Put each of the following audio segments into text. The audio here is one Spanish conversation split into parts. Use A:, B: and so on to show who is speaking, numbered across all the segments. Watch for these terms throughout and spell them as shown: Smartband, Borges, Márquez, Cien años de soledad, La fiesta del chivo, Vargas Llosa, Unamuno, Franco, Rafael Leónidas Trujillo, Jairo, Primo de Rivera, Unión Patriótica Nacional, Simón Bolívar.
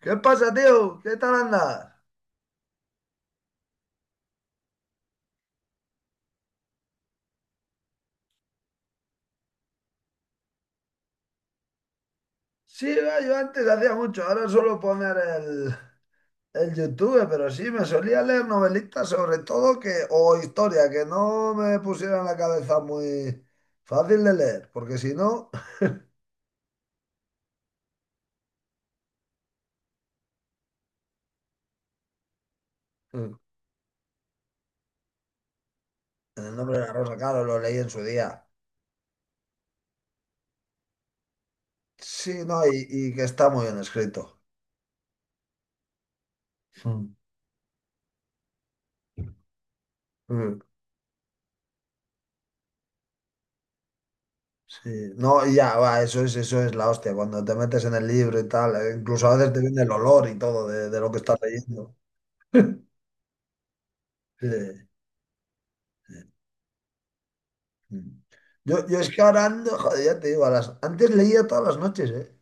A: ¿Qué pasa, tío? ¿Qué tal andas? Sí, va, yo antes hacía mucho, ahora suelo poner el YouTube, pero sí, me solía leer novelitas sobre todo que, o historia, que no me pusieran la cabeza muy fácil de leer, porque si no, en el nombre de la rosa, claro, lo leí en su día. Sí, no, y que está muy bien escrito. Mm. Mm. Sí, no, y ya, va, eso es la hostia, cuando te metes en el libro y tal, incluso a veces te viene el olor y todo de lo que estás leyendo. Sí. Mm. Yo es que ahora ando, joder, ya te digo, antes leía todas las noches, ¿eh?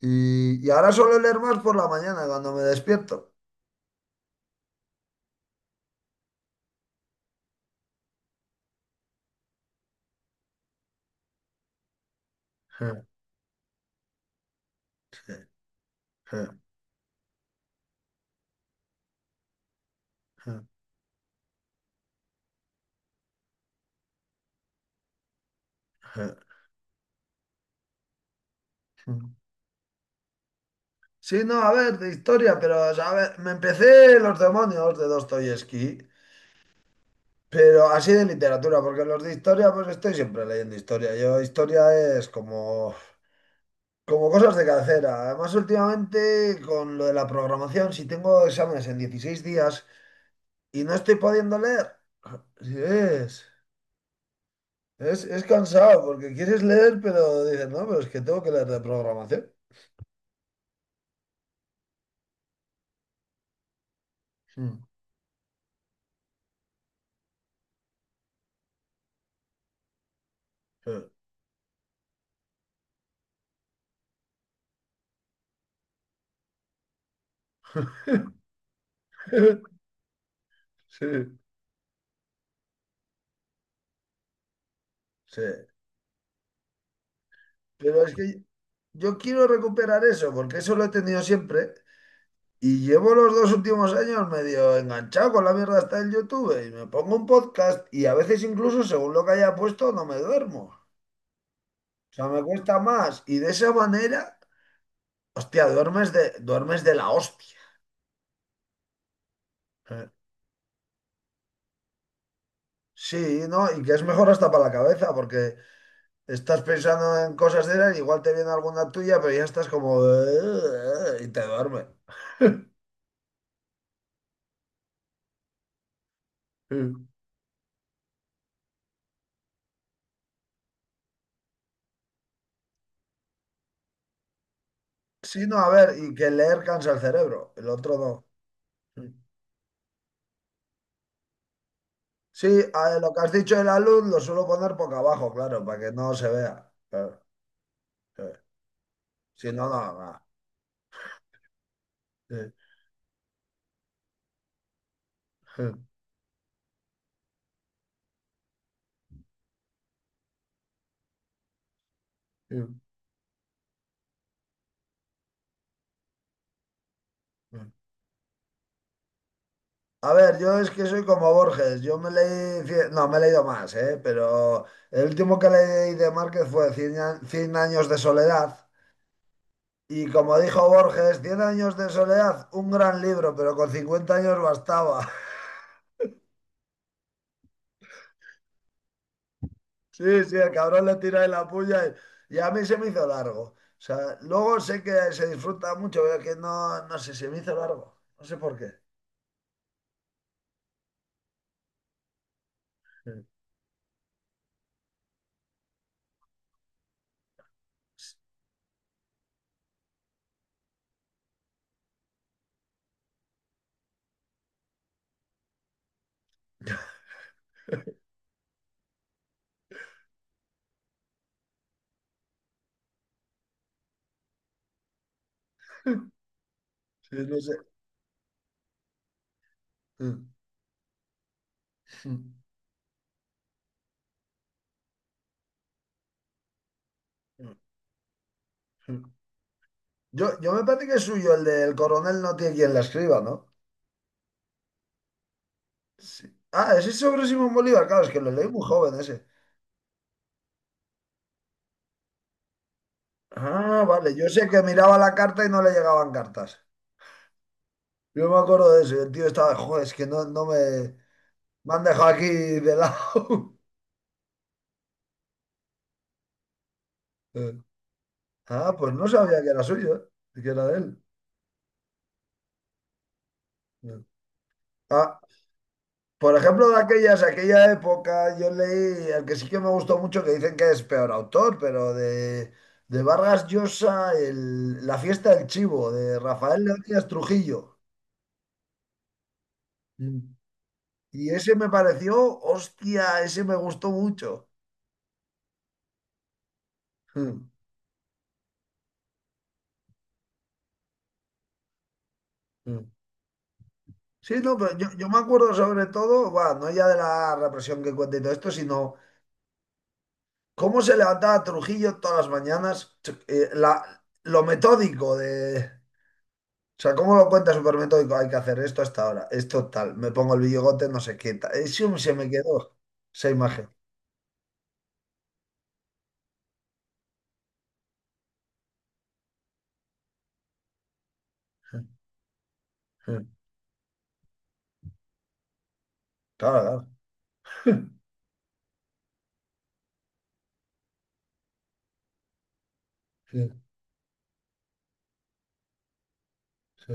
A: Y ahora suelo leer más por la mañana cuando me despierto. Sí, no, a ver, de historia, pero, o sea, a ver, me empecé Los demonios de Dostoyevsky, pero así de literatura, porque los de historia, pues estoy siempre leyendo historia. Yo, historia es como cosas de cabecera. Además, últimamente, con lo de la programación, si tengo exámenes en 16 días, y no estoy pudiendo leer. Sí, es, es cansado porque quieres leer, pero dices, no, pero es que tengo que leer de programación. Mm. Sí. Sí, sí. Pero es que yo quiero recuperar eso porque eso lo he tenido siempre y llevo los dos últimos años medio enganchado con la mierda hasta el YouTube y me pongo un podcast y a veces incluso según lo que haya puesto no me duermo. O sea, me cuesta más y de esa manera, hostia, duermes de la hostia. Sí. Sí, ¿no? Y que es mejor hasta para la cabeza, porque estás pensando en cosas de esas, igual te viene alguna tuya, pero ya estás como... y te duerme. Sí, no, a ver, y que leer cansa el cerebro, el otro no. Sí, a ver, lo que has dicho de la luz lo suelo poner boca abajo, claro, para que no se vea. Claro, claro. Si no, no, no. Sí. A ver, yo es que soy como Borges, yo me leí, cien- no, me he leído más, ¿eh? Pero el último que leí de Márquez fue Cien años de soledad. Y como dijo Borges, Cien años de soledad, un gran libro, pero con 50 años bastaba. Sí, sí, el cabrón le tira de la puya y a mí se me hizo largo. O sea, luego sé que se disfruta mucho, pero que no, no sé, se me hizo largo. No sé por qué. Sí, no sé. Yo me parece que es suyo el del coronel no tiene quien la escriba, ¿no? Sí. Ah, ese es sobre Simón Bolívar, claro, es que lo leí muy joven ese. Ah, vale, yo sé que miraba la carta y no le llegaban cartas. Yo me acuerdo de eso, y el tío estaba, joder, es que no, no me, me han dejado aquí de lado. Eh. Ah, pues no sabía que era suyo, que era de él. Eh. Ah. Por ejemplo, aquella época, yo leí el que sí que me gustó mucho, que dicen que es peor autor, pero de Vargas Llosa, La fiesta del chivo, de Rafael Leónidas Trujillo. Mm. Y ese me pareció, hostia, ese me gustó mucho. Mm, mm. Sí, no, pero yo me acuerdo sobre todo, va, no ya de la represión que cuenta y todo esto, sino cómo se levantaba Trujillo todas las mañanas, lo metódico de... O sea, ¿cómo lo cuenta? Supermetódico. Hay que hacer esto hasta ahora, esto tal, me pongo el bigote, no sé qué tal. Y sí, se me quedó esa imagen. Claro, claro. Sí, sí.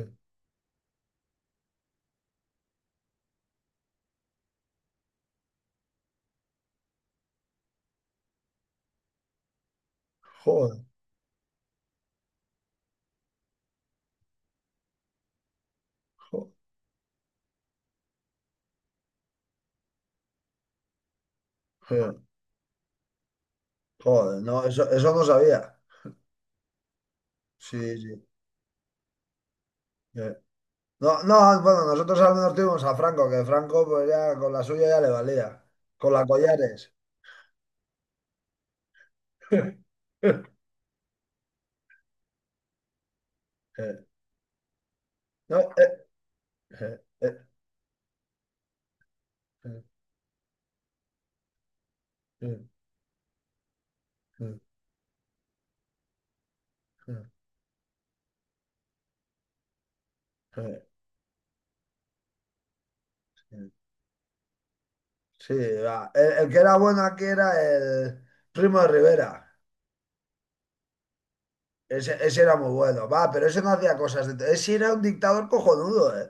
A: Joder. Joder, joder, no, eso no sabía. Sí, sí. Eh. No, no, bueno, nosotros al menos tuvimos a Franco, que Franco pues ya con la suya ya le valía. Con la collares. Eh. No. Eh, eh, eh, eh, eh, eh, eh. eh. Sí, va. El que era bueno aquí era el Primo de Rivera. Ese era muy bueno, va, pero ese no hacía cosas. De... Ese era un dictador cojonudo, ¿eh?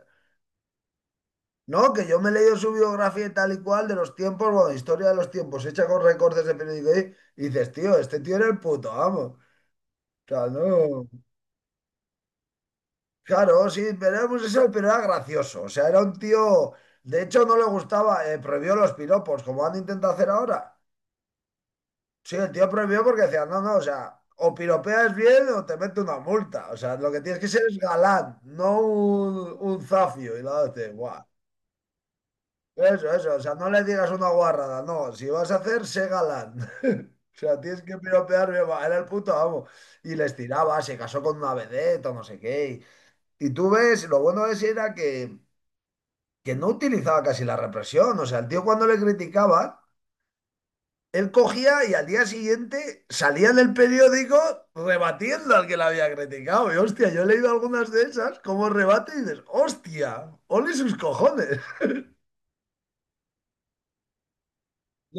A: No, que yo me he leído su biografía y tal y cual de los tiempos, bueno, historia de los tiempos, hecha con recortes de periódico y dices, tío, este tío era el puto, vamos. O sea, no. Claro, sí, pero era homosexual, pero era gracioso. O sea, era un tío. De hecho, no le gustaba, prohibió los piropos, como han intentado hacer ahora. Sí, el tío prohibió porque decía, no, no, o sea, o piropeas bien o te mete una multa. O sea, lo que tienes que ser es galán, no un zafio. Y la otra dice, guau, eso, o sea, no le digas una guarrada, no, si vas a hacer, sé galán. O sea, tienes que piropear bien, va, era el puto amo. Y les tiraba, se casó con una vedette o no sé qué. Y tú ves, lo bueno de ese era que no utilizaba casi la represión. O sea, el tío cuando le criticaban él cogía y al día siguiente salía en el periódico rebatiendo al que la había criticado. Y hostia, yo he leído algunas de esas como rebate y dices, hostia, ole sus cojones.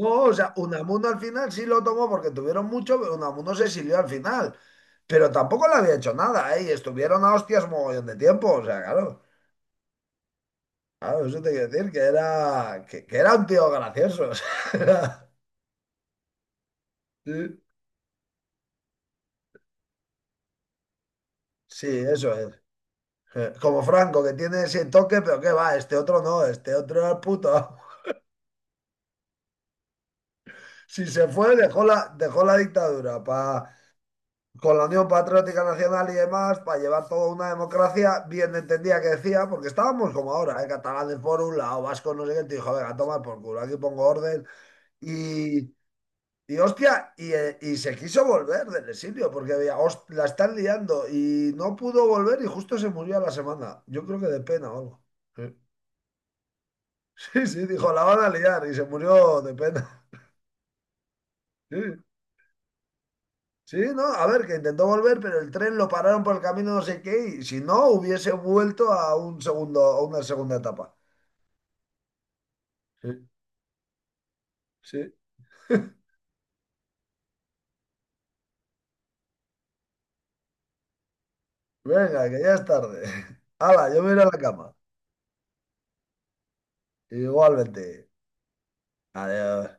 A: No, o sea, Unamuno al final sí lo tomó porque tuvieron mucho, pero Unamuno se exilió al final. Pero tampoco le había hecho nada, ¿eh? Y estuvieron a hostias mogollón de tiempo. O sea, claro, claro, eso te quiero decir que era, que era un tío gracioso. O sea, sí, sí, eso es. Eh. Como Franco, que tiene ese toque, pero qué va, este otro no, este otro era el puto amo. Si se fue, dejó la dictadura pa- con la Unión Patriótica Nacional y demás para llevar toda una democracia, bien entendía que decía, porque estábamos como ahora, ¿eh? Catalanes por un lado, vascos no sé qué, te dijo, venga, toma por culo, aquí pongo orden. Y, y y se quiso volver del exilio, porque había, "Host- la están liando", y no pudo volver y justo se murió a la semana. Yo creo que de pena o algo. Sí. Sí, sí, dijo, la van a liar y se murió de pena. Sí, sí, no, a ver, que intentó volver, pero el tren lo pararon por el camino no sé qué y si no, hubiese vuelto a a una segunda etapa. Sí, sí. Venga, que ya es tarde. Hala, yo me iré a la cama. Igualmente. Adiós.